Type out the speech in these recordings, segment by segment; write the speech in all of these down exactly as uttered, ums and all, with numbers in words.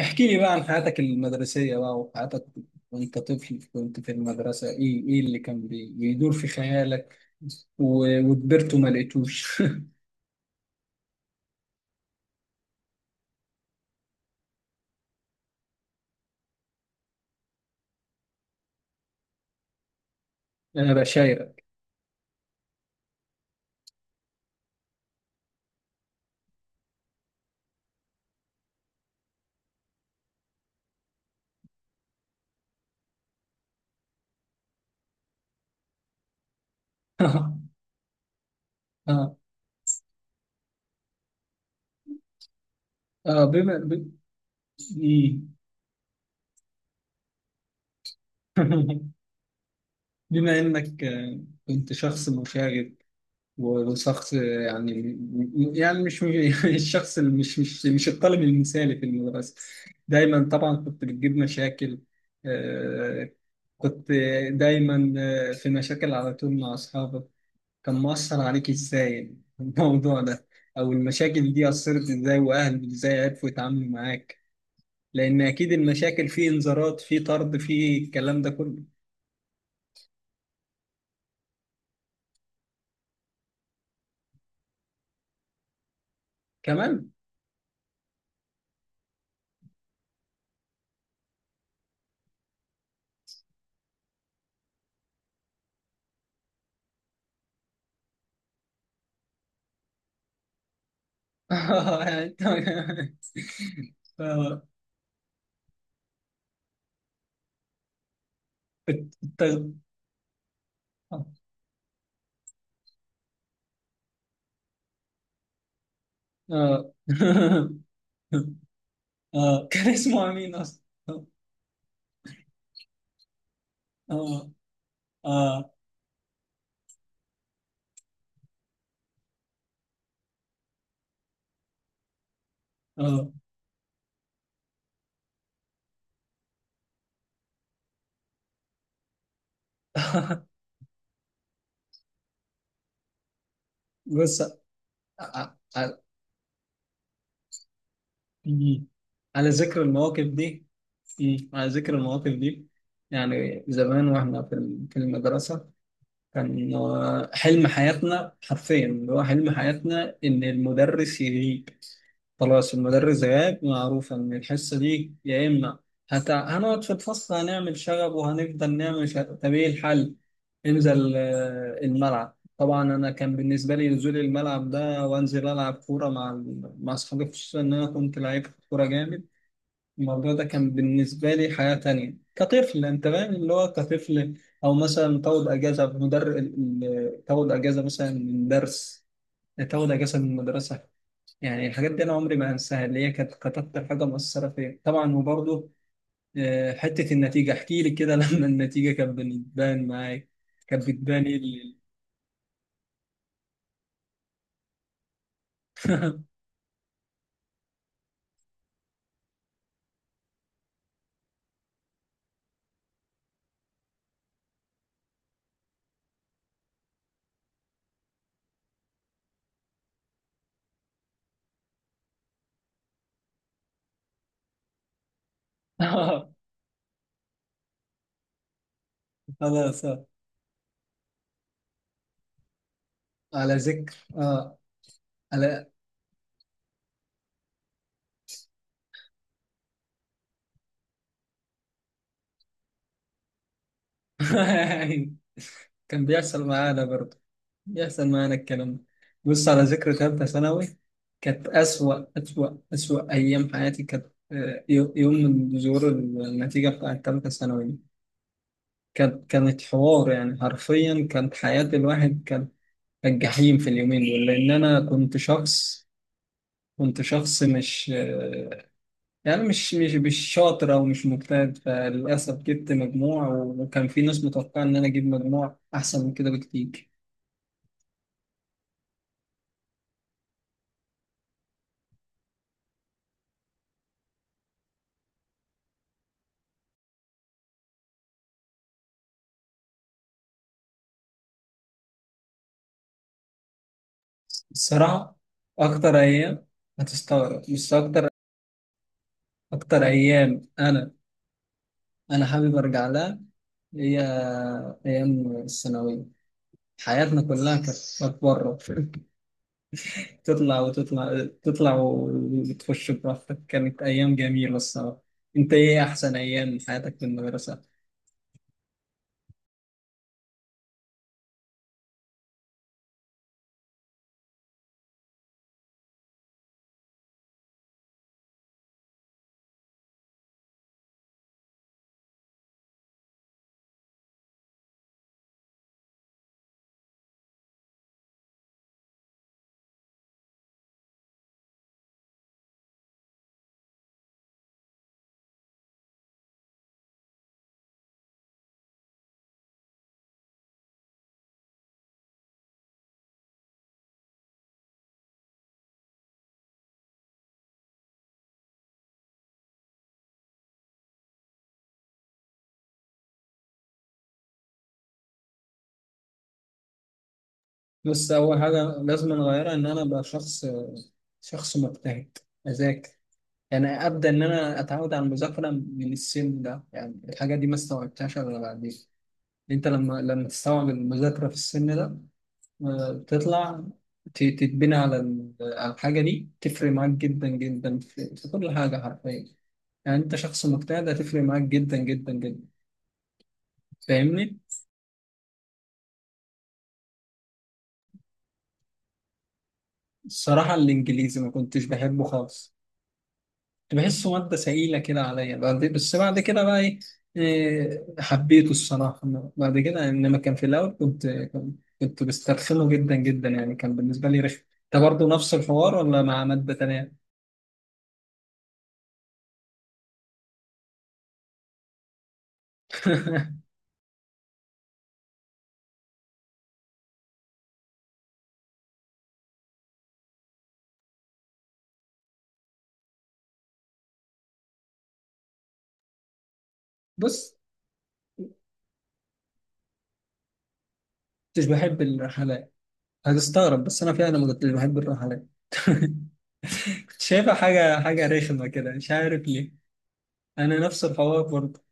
احكي لي بقى عن حياتك المدرسية بقى، وحياتك وانت طفل. كنت في المدرسة ايه ايه اللي كان بي- بيدور في خيالك، و- وكبرت وما لقيتوش. انا بشايرك. اه، اه. بما ب- مم. بما انك آه، كنت شخص مشاغب، وشخص، يعني يعني مش الشخص اللي مش مش مش الطالب المثالي في المدرسة، دايما طبعا كنت بتجيب مشاكل. آه، كنت دايما آه، في مشاكل على طول مع أصحابك. كان مؤثر عليك إزاي الموضوع ده، أو المشاكل دي أثرت إزاي، وأهلك إزاي عرفوا يتعاملوا معاك؟ لأن أكيد المشاكل فيه إنذارات، فيه طرد، فيه الكلام ده كله. كمان. ف- الت- اه اه، كان اسمه امين اصلا. اه، اه، اه. بص. ع- ع- مم. على ذكر المواقف دي. مم. على ذكر المواقف دي، يعني زمان واحنا في ال- في المدرسة، كان آه، حلم حياتنا حرفيا اللي هو حلم حياتنا إن المدرس يغيب. خلاص المدرس غاب، معروف ان الحصه دي يا اما هت... هنقعد في الفصل هنعمل شغب وهنفضل نعمل شغب، طب ايه الحل؟ انزل آه، الملعب. طبعا انا كان بالنسبه لي نزول الملعب ده وانزل العب كوره مع ال- مع اصحابي، خصوصا ان انا كنت لعيب كوره جامد. الموضوع ده كان بالنسبه لي حياه تانية كطفل، انت فاهم اللي هو كطفل. او مثلا تاخد اجازه مدر ال- ال- تاخد اجازه مثلا من درس، تاخد اجازه من المدرسه. يعني الحاجات دي انا عمري ما انساها، اللي هي كانت كانت اكتر حاجه مؤثره فيا طبعا. وبرضه آه، حته النتيجه، احكي لي كده. لما النتيجه كانت بتبان معاك، كانت بتبان ايه اللي- آه، خلاص، آه. على ذكر، اه على كان بيحصل معانا برضه، بيحصل معانا الكلام ده. بص، على ذكر ثالثه ثانوي، كانت أسوأ أسوأ أسوأ أيام حياتي، كانت آه، يو- يوم من ظهور النتيجة بتاعت ثالثة ثانوي، كانت كانت حوار، يعني حرفيا كانت حياة الواحد كانت الجحيم في اليومين دول. لأن أنا كنت شخص كنت شخص مش، يعني مش مش مش شاطر أو مش مجتهد، فللأسف جبت مجموع وكان في ناس متوقعة إن أنا أجيب مجموع أحسن من كده بكتير. الصراحة أكتر أيام، هتستغرب بس أكتر أكتر أيام أنا أنا حابب أرجع لها، هي أيام الثانوية. حياتنا كلها كانت كانت بره، تطلع وتطلع تطلع وتخش براحتك، كانت أيام جميلة الصراحة. أنت إيه أحسن أيام من حياتك في المدرسة؟ بس أول حاجة لازم أغيرها إن أنا أبقى شخص شخص مجتهد، أذاكر. يعني أبدأ إن أنا أتعود على المذاكرة من السن ده، يعني الحاجة دي ما استوعبتهاش إلا بعدين. أنت لما لما تستوعب المذاكرة في السن ده، آه، تطلع، ت- تتبنى على ال- على الحاجة دي، تفرق معاك جدا جدا في في كل حاجة حرفيا. يعني انت شخص مجتهد، هتفرق معاك جدا جدا جدا، فاهمني. الصراحه الانجليزي ما كنتش بحبه خالص، كنت بحسه ماده ثقيله كده عليا، بعد- بس بعد كده بقى ايه، إيه، حبيته الصراحه بعد كده. انما كان في الاول كنت كنت كنت بسترخنه جدا جدا، يعني كان بالنسبه لي رخم. انت برضه نفس الحوار ولا مع ماده تانيه؟ بص، كنتش بحب الرحلات. هتستغرب بس انا فعلا ما كنتش بحب الرحلات. شايفها حاجة حاجة رخمة كده، مش عارف ليه. أنا نفس الحوار برضه.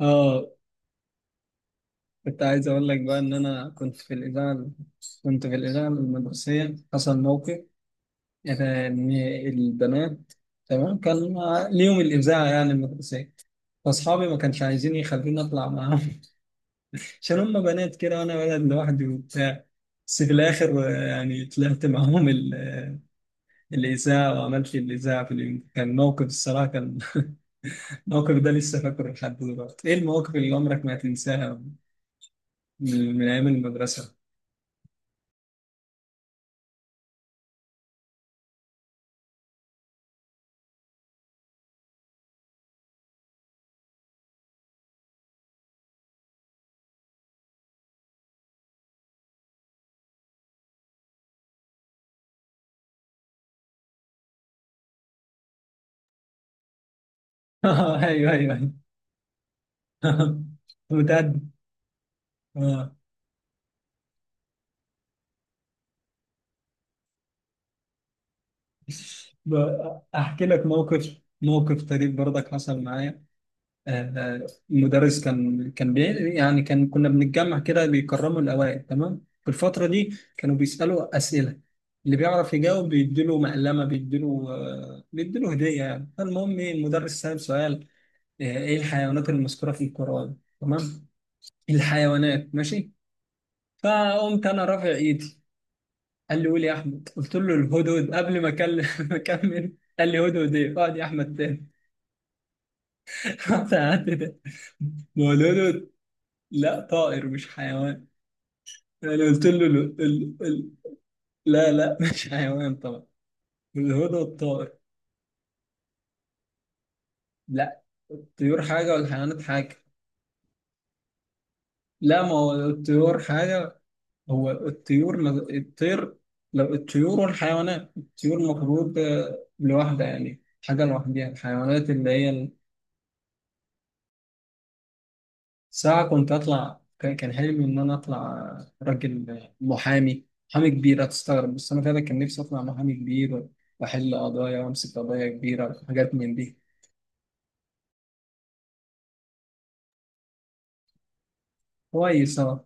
اه، كنت عايز اقول لك بقى ان انا كنت في الاذاعه. كنت في الاذاعه المدرسيه، حصل موقف يعني، ان البنات، تمام، كان ليهم الاذاعه يعني المدرسيه، فاصحابي ما كانش عايزين يخلوني اطلع معاهم. عشان هم بنات كده وانا ولد لوحدي وبتاع. بس في الاخر آه، يعني طلعت معاهم ال- الاذاعه، وعملت الاذاعه في اليوم. كان موقف الصراحه، كان الموقف ده لسه فاكره لحد دلوقتي. ايه المواقف اللي عمرك ما هتنساها من من ايام المدرسه؟ ايوه، ايوه، ايوه. متأدي، آه. ب- احكي لك موقف موقف طريف برضك حصل معايا. آه، آه، المدرس كان كان بي يعني كان كنا بنتجمع كده، بيكرموا الاوائل، تمام، في الفتره دي كانوا بيسالوا اسئله، اللي بيعرف يجاوب بيديله مقلمه، بيديله آه، بيديله هديه يعني. فالمهم إيه، المدرس سأل سؤال، آه، ايه الحيوانات المذكوره في القرآن؟ تمام، الحيوانات، ماشي. فقمت انا رافع ايدي، قال لي قول يا احمد، قلت له الهدهد قبل ما اكلم ما اكمل. قال لي هدهد ايه، اقعد يا احمد تاني. رحت قعدت تاني. ما هو الهدهد لا طائر، مش حيوان. انا قلت له ال... ال... ال... لا، لا. مش حيوان طبعا، الهدهد طائر. لا، الطيور حاجه والحيوانات حاجه. لا، ما هو الطيور حاجه. هو الطيور ما... الطير، لو الطيور والحيوانات، الطيور المفروض آه، لوحدها، يعني حاجه لوحدها، الحيوانات اللي هي. ساعة كنت أطلع، كان كان حلمي إن أنا أطلع راجل محامي محامي كبير. هتستغرب بس أنا فعلا كان نفسي أطلع محامي كبير، وأحل قضايا وأمسك قضايا كبيرة وحاجات من دي. كويس.